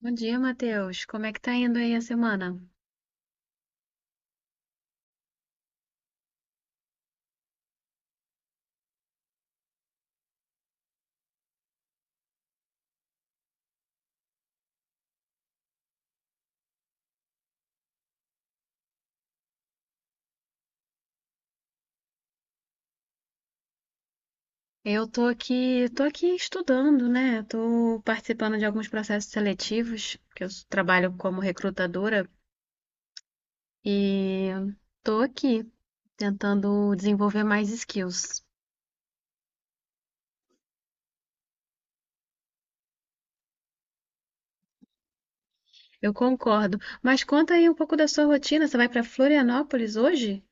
Bom dia, Matheus. Como é que tá indo aí a semana? Eu Tô aqui estudando, né? Tô participando de alguns processos seletivos, que trabalho como recrutadora e tô aqui tentando desenvolver mais skills. Eu concordo. Mas conta aí um pouco da sua rotina. Você vai pra Florianópolis hoje?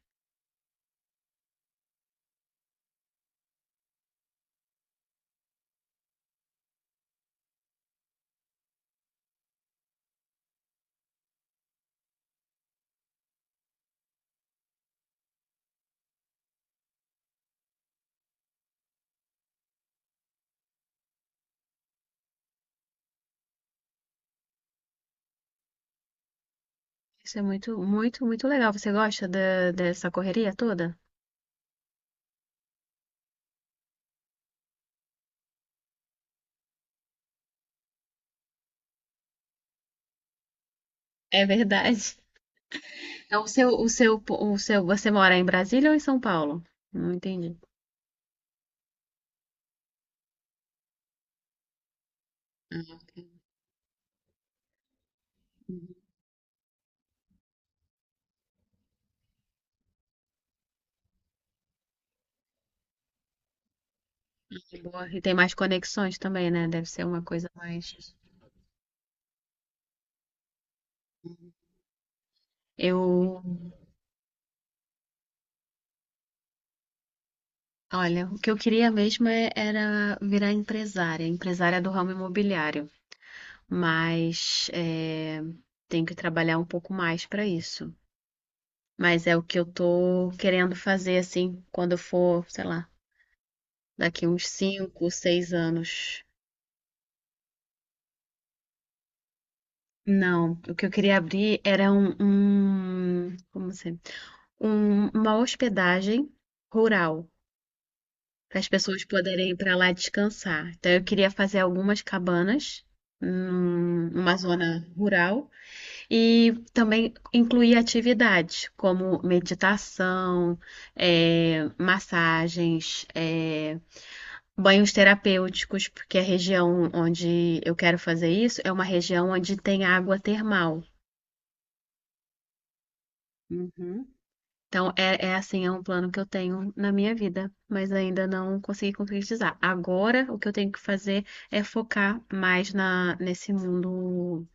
Isso é muito, muito, muito legal. Você gosta dessa correria toda? É verdade. Então, você mora em Brasília ou em São Paulo? Não entendi. Que boa. E tem mais conexões também, né? Deve ser uma coisa mais. Eu, olha, o que eu queria mesmo era virar empresária, empresária do ramo imobiliário, mas é, tenho que trabalhar um pouco mais para isso. Mas é o que eu tô querendo fazer assim, quando eu for, sei lá, daqui uns 5, 6 anos. Não, o que eu queria abrir era como assim, uma hospedagem rural, para as pessoas poderem ir para lá descansar. Então eu queria fazer algumas cabanas numa zona rural e também incluir atividades como meditação, massagens, banhos terapêuticos, porque a região onde eu quero fazer isso é uma região onde tem água termal. Uhum. Então, é, é assim, é um plano que eu tenho na minha vida, mas ainda não consegui concretizar. Agora, o que eu tenho que fazer é focar mais nesse mundo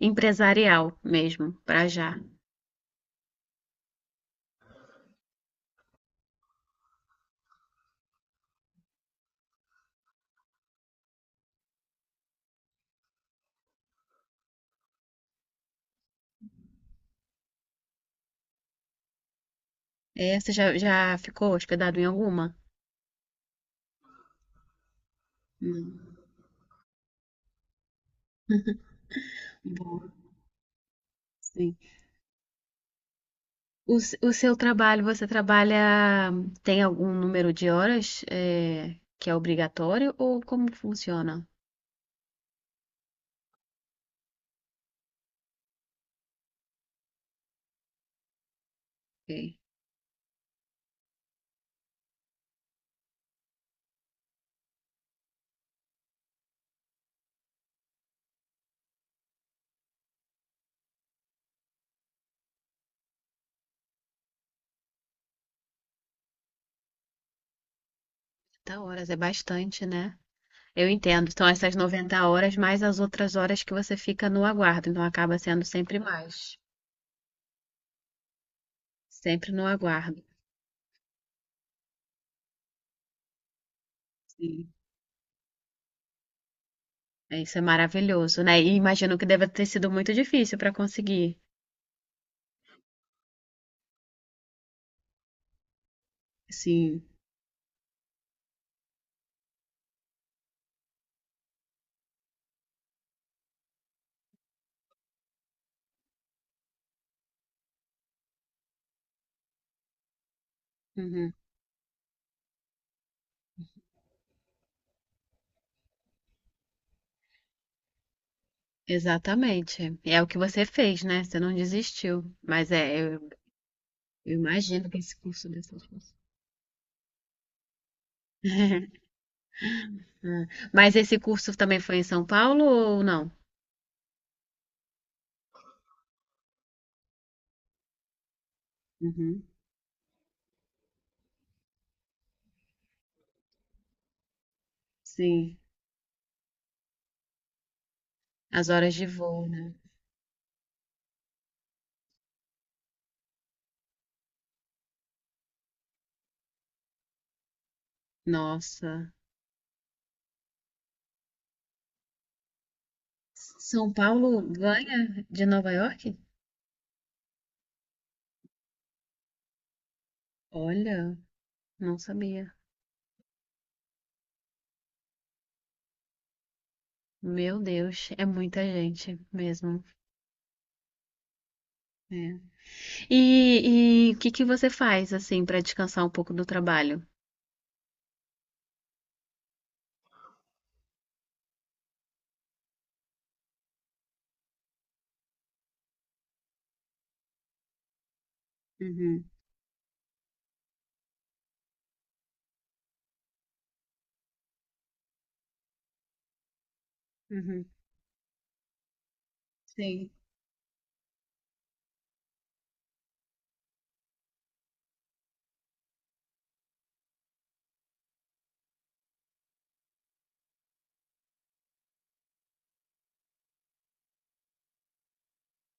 empresarial mesmo, pra já. É, você já ficou hospedado em alguma? Não. Boa, sim. O seu trabalho, você trabalha, tem algum número de horas, é, que é obrigatório ou como funciona? Ok. 30 horas é bastante, né? Eu entendo. Então, essas 90 horas mais as outras horas que você fica no aguardo. Então, acaba sendo sempre mais. Sempre no aguardo. Sim. É, isso é maravilhoso, né? E imagino que deve ter sido muito difícil para conseguir. Sim. Uhum. Exatamente. É o que você fez, né? Você não desistiu. Mas é, eu imagino que esse curso desse. Ah, mas esse curso também foi em São Paulo ou não? Uhum. Sim. As horas de voo, né? Nossa. São Paulo ganha de Nova York? Olha, não sabia. Meu Deus, é muita gente mesmo. É. E o que que você faz assim para descansar um pouco do trabalho? Uhum, uhum, sim.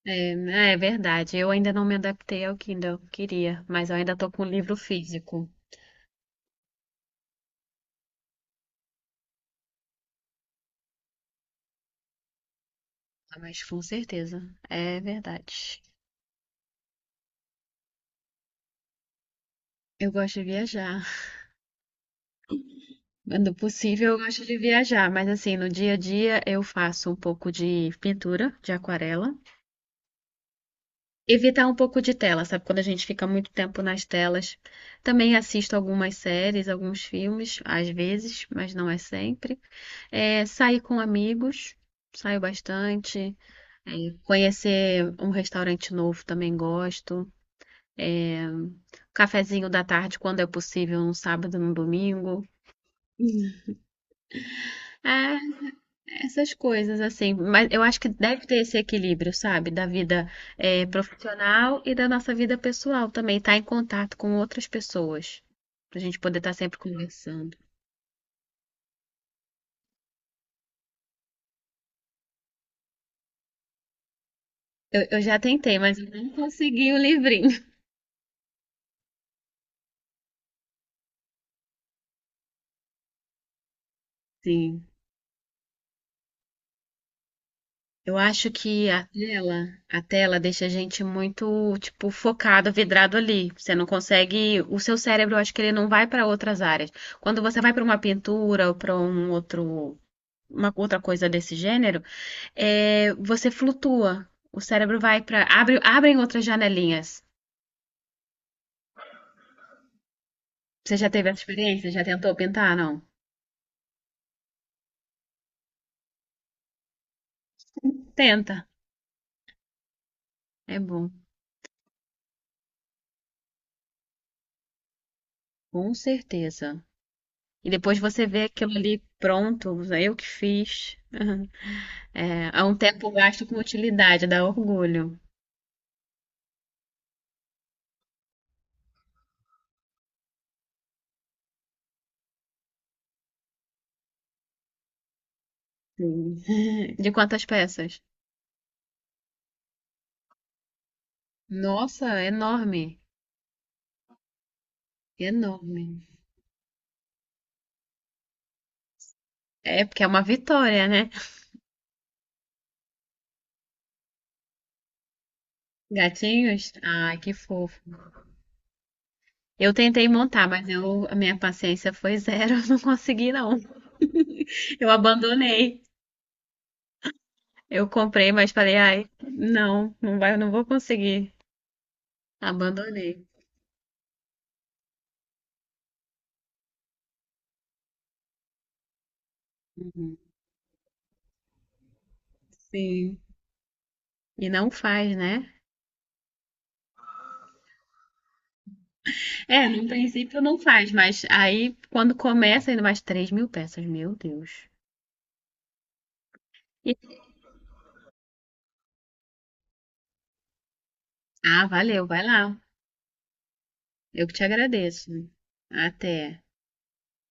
É, né, é verdade. Eu ainda não me adaptei ao Kindle, queria, mas eu ainda tô com o livro físico. Ah, mas com certeza, é verdade. Eu gosto de viajar. Quando possível, eu gosto de viajar, mas assim, no dia a dia eu faço um pouco de pintura, de aquarela. Evitar um pouco de tela, sabe? Quando a gente fica muito tempo nas telas. Também assisto algumas séries, alguns filmes, às vezes, mas não é sempre. É, sair com amigos, saio bastante. É, conhecer um restaurante novo também gosto. É, um cafezinho da tarde, quando é possível, num sábado, num domingo. É, essas coisas, assim, mas eu acho que deve ter esse equilíbrio, sabe? Da vida, profissional e da nossa vida pessoal também, estar em contato com outras pessoas, pra gente poder estar sempre conversando. Eu já tentei, mas eu não consegui o livrinho. Sim. Eu acho que a tela deixa a gente muito, tipo, focado, vidrado ali. Você não consegue, o seu cérebro, eu acho que ele não vai para outras áreas. Quando você vai para uma pintura ou para um outro, uma outra coisa desse gênero, é, você flutua. O cérebro vai para. Abre, abrem outras janelinhas. Você já teve essa experiência? Já tentou pintar? Não? Tenta. É bom. Com certeza. E depois você vê aquilo ali pronto, eu que fiz. É, há um tempo gasto com utilidade, dá orgulho. Sim. De quantas peças? Nossa, enorme. Enorme. É porque é uma vitória, né? Gatinhos? Ai, que fofo. Eu tentei montar, mas a minha paciência foi zero, eu não consegui não. Eu abandonei. Eu comprei, mas falei, ai, não, não vai, eu não vou conseguir. Abandonei. Uhum. Sim. E não faz, né? É, no princípio não faz, mas aí quando começa ainda mais 3 mil peças, meu Deus. E- Ah, valeu, vai lá. Eu que te agradeço. Até.